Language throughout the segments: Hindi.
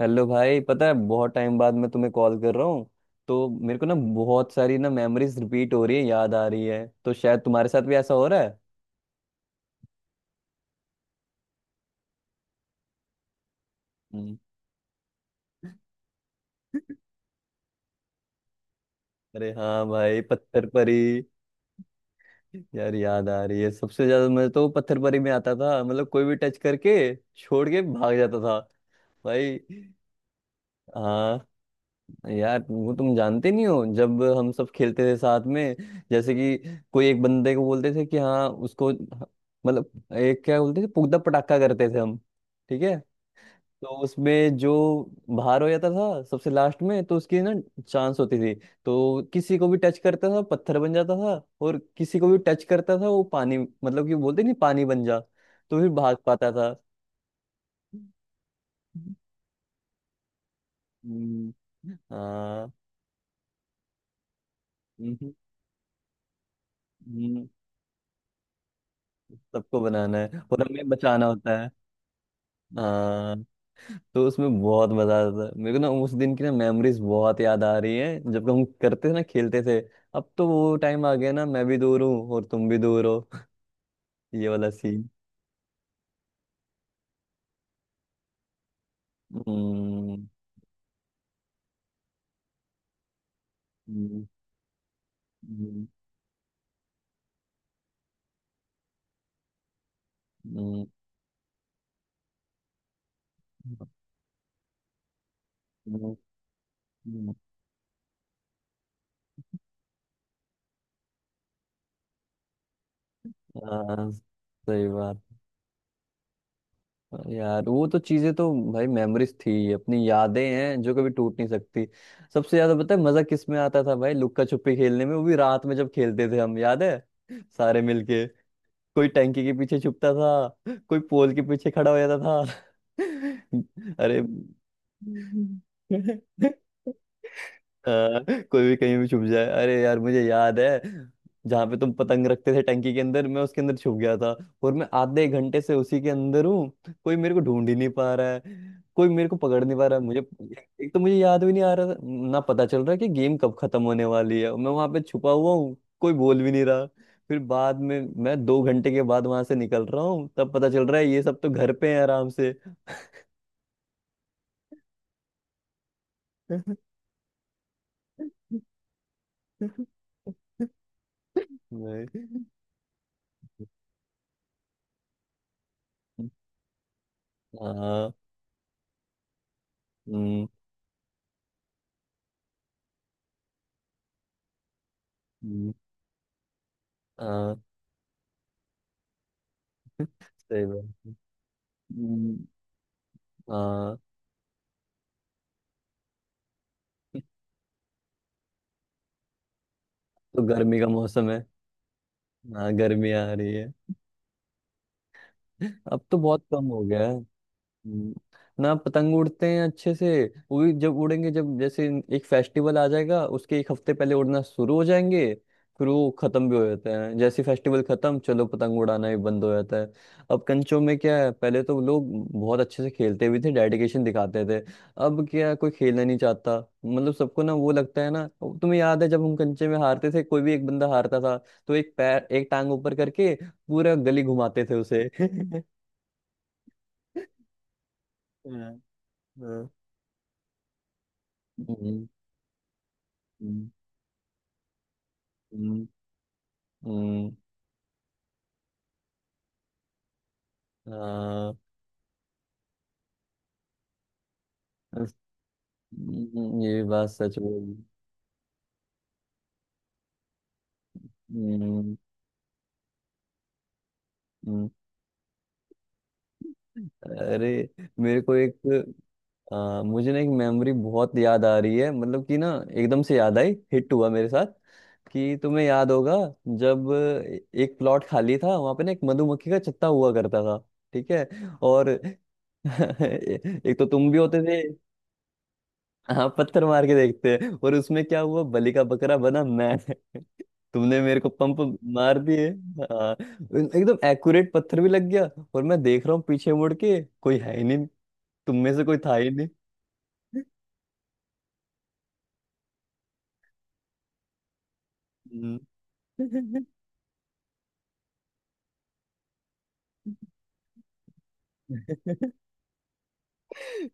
हेलो भाई, पता है बहुत टाइम बाद मैं तुम्हें कॉल कर रहा हूँ। तो मेरे को ना बहुत सारी ना मेमोरीज रिपीट हो रही है, याद आ रही है। तो शायद तुम्हारे साथ भी ऐसा हो रहा है। हम्म। अरे हाँ भाई, पत्थर परी। यार, याद आ रही है, सबसे ज्यादा मैं तो पत्थर परी में आता था, मतलब कोई भी टच करके छोड़ के भाग जाता था। भाई। हाँ। यार, वो तुम जानते नहीं हो, जब हम सब खेलते थे साथ में, जैसे कि कोई एक बंदे को बोलते थे कि हाँ उसको, मतलब एक, क्या बोलते थे, पुगदा पटाखा करते थे हम। ठीक है। तो उसमें जो बाहर हो जाता था सबसे लास्ट में, तो उसकी ना, चांस होती थी। तो किसी को भी टच करता था, पत्थर बन जाता था। और किसी को भी टच करता था वो पानी, मतलब कि बोलते नहीं, पानी बन जा, तो फिर भाग पाता था। हम्म, हाँ। हम्म, हम्म, सबको बनाना है और हमें बचाना होता है। हाँ, तो उसमें बहुत मजा आता था मेरे को ना, उस दिन की ना मेमोरीज बहुत याद आ रही है, जब हम करते थे ना खेलते थे। अब तो वो टाइम आ गया ना, मैं भी दूर हूँ और तुम भी दूर हो। ये वाला सीन। हम्म, हम्म, हम्म, हम्म, हम्म, हम्म। हाँ, सही बात। यार, वो तो चीजें तो, भाई मेमोरीज थी, अपनी यादें हैं जो कभी टूट नहीं सकती। सबसे ज्यादा पता है मजा किस में आता था भाई, लुक्का छुपी खेलने में। वो भी रात में जब खेलते थे हम, याद है? सारे मिलके। कोई टंकी के पीछे छुपता था, कोई पोल के पीछे खड़ा हो जाता था। अरे! हम्म। हाँ, कोई भी कहीं भी छुप जाए, अरे यार, मुझे याद है। जहाँ पे तुम पतंग रखते थे टंकी के अंदर, मैं उसके अंदर छुप गया था। और मैं आधे एक घंटे से उसी के अंदर हूँ, कोई मेरे को ढूंढ ही नहीं पा रहा है, कोई मेरे को पकड़ नहीं पा रहा है मुझे। एक तो मुझे याद भी नहीं आ रहा था, ना पता चल रहा है कि गेम कब खत्म होने वाली है, मैं वहां पे छुपा हुआ हूँ, कोई बोल भी नहीं रहा। फिर बाद में मैं 2 घंटे के बाद वहां से निकल रहा हूँ, तब पता चल रहा है ये सब तो घर पे हैं आराम से। नहीं। हाँ। हम्म, हम्म। हाँ, सही बात है। हम्म, हाँ, तो गर्मी का मौसम है। हाँ, गर्मी आ रही है। अब तो बहुत कम हो गया है। हम्म, ना पतंग उड़ते हैं अच्छे से। वो भी जब उड़ेंगे, जब जैसे एक फेस्टिवल आ जाएगा, उसके एक हफ्ते पहले उड़ना शुरू हो जाएंगे। फिर वो खत्म भी हो जाते हैं, जैसे फेस्टिवल खत्म, चलो पतंग उड़ाना ही बंद हो जाता है। अब कंचों में क्या है, पहले तो लोग बहुत अच्छे से खेलते भी थे, डेडिकेशन दिखाते थे। अब क्या है, कोई खेलना नहीं चाहता, मतलब सबको ना वो लगता है ना। अब तुम्हें याद है जब हम कंचे में हारते थे, कोई भी एक बंदा हारता था, तो एक पैर, एक टांग ऊपर करके पूरा गली घुमाते थे उसे। हाँ, हाँ। हम्म, हम्म, हम्म, हम्म। हाँ, अस- ये भी बात सच बोली। हम्म, हम्म, अरे, मेरे को एक। मुझे ना एक मेमोरी बहुत याद आ रही है, मतलब कि ना एकदम से याद आई, हिट हुआ मेरे साथ। कि तुम्हें याद होगा जब एक प्लॉट खाली था वहां पे ना, एक मधुमक्खी का छत्ता हुआ करता था। ठीक है। और एक तो तुम भी होते थे। हाँ, पत्थर मार के देखते हैं, और उसमें क्या हुआ, बलि का बकरा बना मैं। तुमने मेरे को पंप मार दिए। हाँ, एकदम एक्यूरेट पत्थर भी लग गया। और मैं देख रहा हूँ पीछे मुड़ के, कोई है ही नहीं। तुम में से कोई था ही नहीं। हम्म।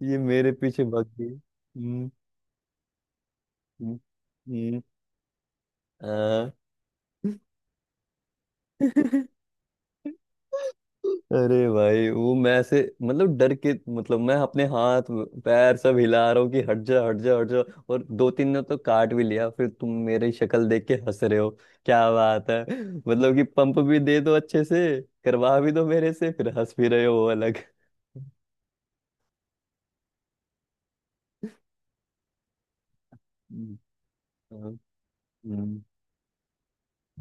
ये मेरे पीछे भाग गई। हम्म, हम्म, हम्म। हाँ। अरे भाई, वो मैं ऐसे, मतलब डर के, मतलब मैं अपने हाथ पैर सब हिला रहा हूँ कि हट जा, हट जा, हट जा। और दो तीन ने तो काट भी लिया, फिर तुम मेरी शक्ल देख के हंस रहे हो, क्या बात है। मतलब कि पंप भी दे दो, अच्छे से करवा भी दो मेरे से, फिर हंस भी रहे हो वो अलग। हम्म, हम्म, हम्म,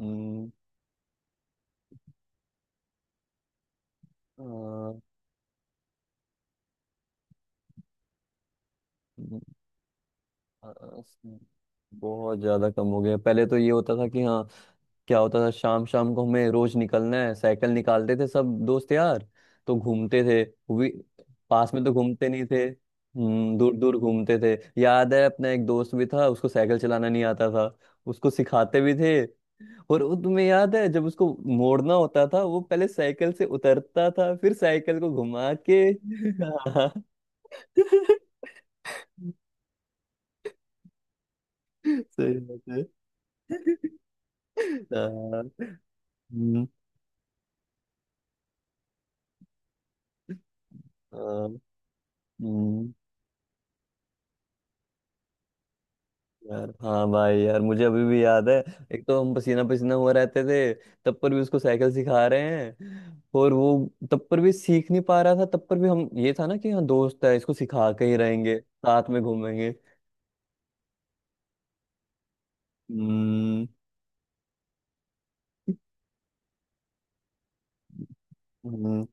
हम्म। आ, हम्म, आ, बहुत ज्यादा कम हो गया। पहले तो ये होता था कि हाँ, क्या होता था, शाम शाम को हमें रोज निकलना है, साइकिल निकालते थे सब दोस्त यार। तो घूमते थे। वी, पास में तो घूमते नहीं थे, दूर दूर घूमते थे। याद है, अपना एक दोस्त भी था, उसको साइकिल चलाना नहीं आता था, उसको सिखाते भी थे। और वो तुम्हें याद है जब उसको मोड़ना होता था, वो पहले साइकिल से उतरता था, फिर साइकिल को घुमा के। हाँ। सही बात है। हाँ। हम्म, हाँ। हम्म। यार, हाँ भाई, यार मुझे अभी भी याद है। एक तो हम पसीना पसीना हुआ रहते थे, तब पर भी उसको साइकिल सिखा रहे हैं। और वो तब पर भी सीख नहीं पा रहा था, तब पर भी हम ये था ना कि हाँ, दोस्त है, इसको सिखा के ही रहेंगे, साथ में घूमेंगे। हम्म, हम्म।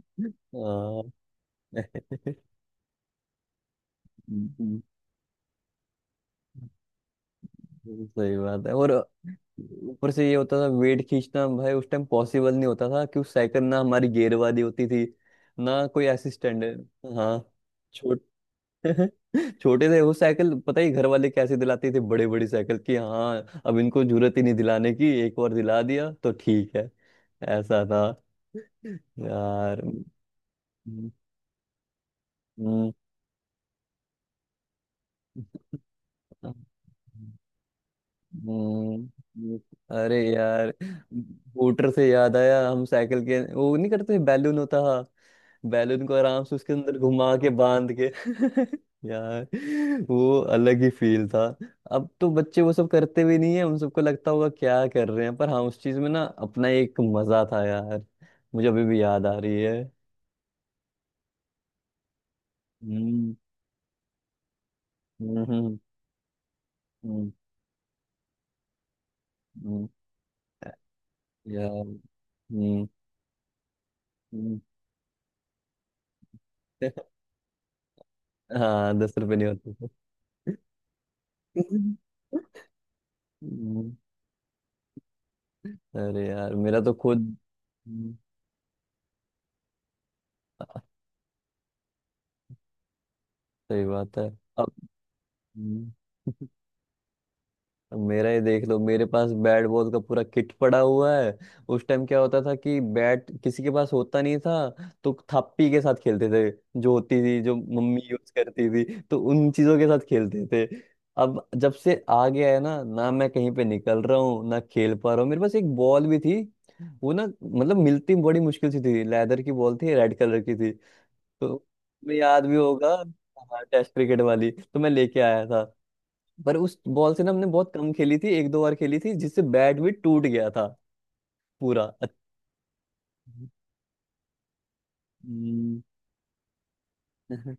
हाँ। सही बात है और। ऊपर से ये होता था वेट खींचना भाई, उस टाइम पॉसिबल नहीं होता था, क्योंकि साइकिल ना हमारी गियर वाली होती थी, ना कोई असिस्टेंट है। हाँ, छोट छोटे थे वो। साइकिल पता ही घर वाले कैसे दिलाते थे, बड़े बड़ी साइकिल की। हाँ, अब इनको जरूरत ही नहीं दिलाने की, एक बार दिला दिया तो ठीक है। ऐसा था यार। हम्म, हम्म, हम्म। अरे यार, मोटर से याद आया, हम साइकिल के वो नहीं करते, बैलून होता है। बैलून को आराम से उसके अंदर घुमा के बांध के। यार। वो अलग ही फील था। अब तो बच्चे वो सब करते भी नहीं है, उन सबको लगता होगा क्या कर रहे हैं, पर हाँ, उस चीज में ना अपना एक मजा था यार। मुझे अभी भी याद आ रही है। हम्म, हम्म, हम्म, हम्म, हम्म। यार। हम्म, हम्म। हाँ, 10 रुपये नहीं होते थे। हम्म, अरे यार, मेरा तो खुद। हम्म, सही बात है। अब। हम्म, अब मेरा ही देख लो, मेरे पास बैट बॉल का पूरा किट पड़ा हुआ है। उस टाइम क्या होता था कि बैट किसी के पास होता नहीं था, तो थप्पी के साथ खेलते थे, जो होती थी जो मम्मी यूज करती थी, तो उन चीजों के साथ खेलते थे। अब जब से आ गया है ना, ना मैं कहीं पे निकल रहा हूँ, ना खेल पा रहा हूँ। मेरे पास एक बॉल भी थी। वो ना, मतलब मिलती बड़ी मुश्किल से थी, लेदर की बॉल थी, रेड कलर की थी। तो मैं, याद भी होगा। हाँ, टेस्ट क्रिकेट वाली तो मैं लेके आया था। पर उस बॉल से ना, हमने बहुत कम खेली थी, एक दो बार खेली थी, जिससे बैट भी टूट गया था पूरा। अच्छा। हम्म।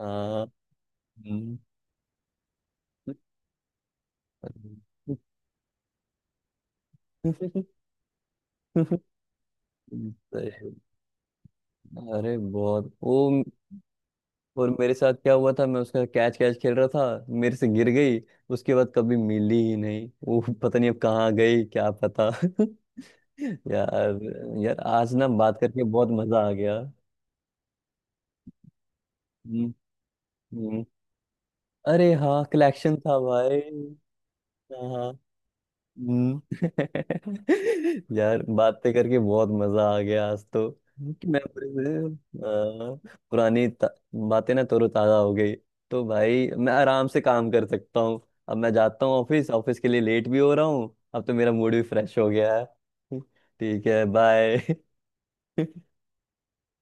हाँ। हम्म। सही। अरे बहुत वो, और मेरे साथ क्या हुआ था, मैं उसका कैच कैच खेल रहा था, मेरे से गिर गई। उसके बाद कभी मिली ही नहीं वो, पता नहीं अब कहाँ गई, क्या पता। यार। यार, आज ना बात करके बहुत मजा आ गया। हम्म, हम्म। अरे हाँ, कलेक्शन था भाई। हाँ, हाँ। हम्म। यार, बातें करके बहुत मजा आ गया आज तो। मेमोरीज पुरानी बातें ना तरोताजा हो गई। तो भाई मैं आराम से काम कर सकता हूँ। अब मैं जाता हूँ ऑफिस, ऑफिस के लिए लेट भी हो रहा हूँ। अब तो मेरा मूड भी फ्रेश हो गया है। ठीक है, बाय।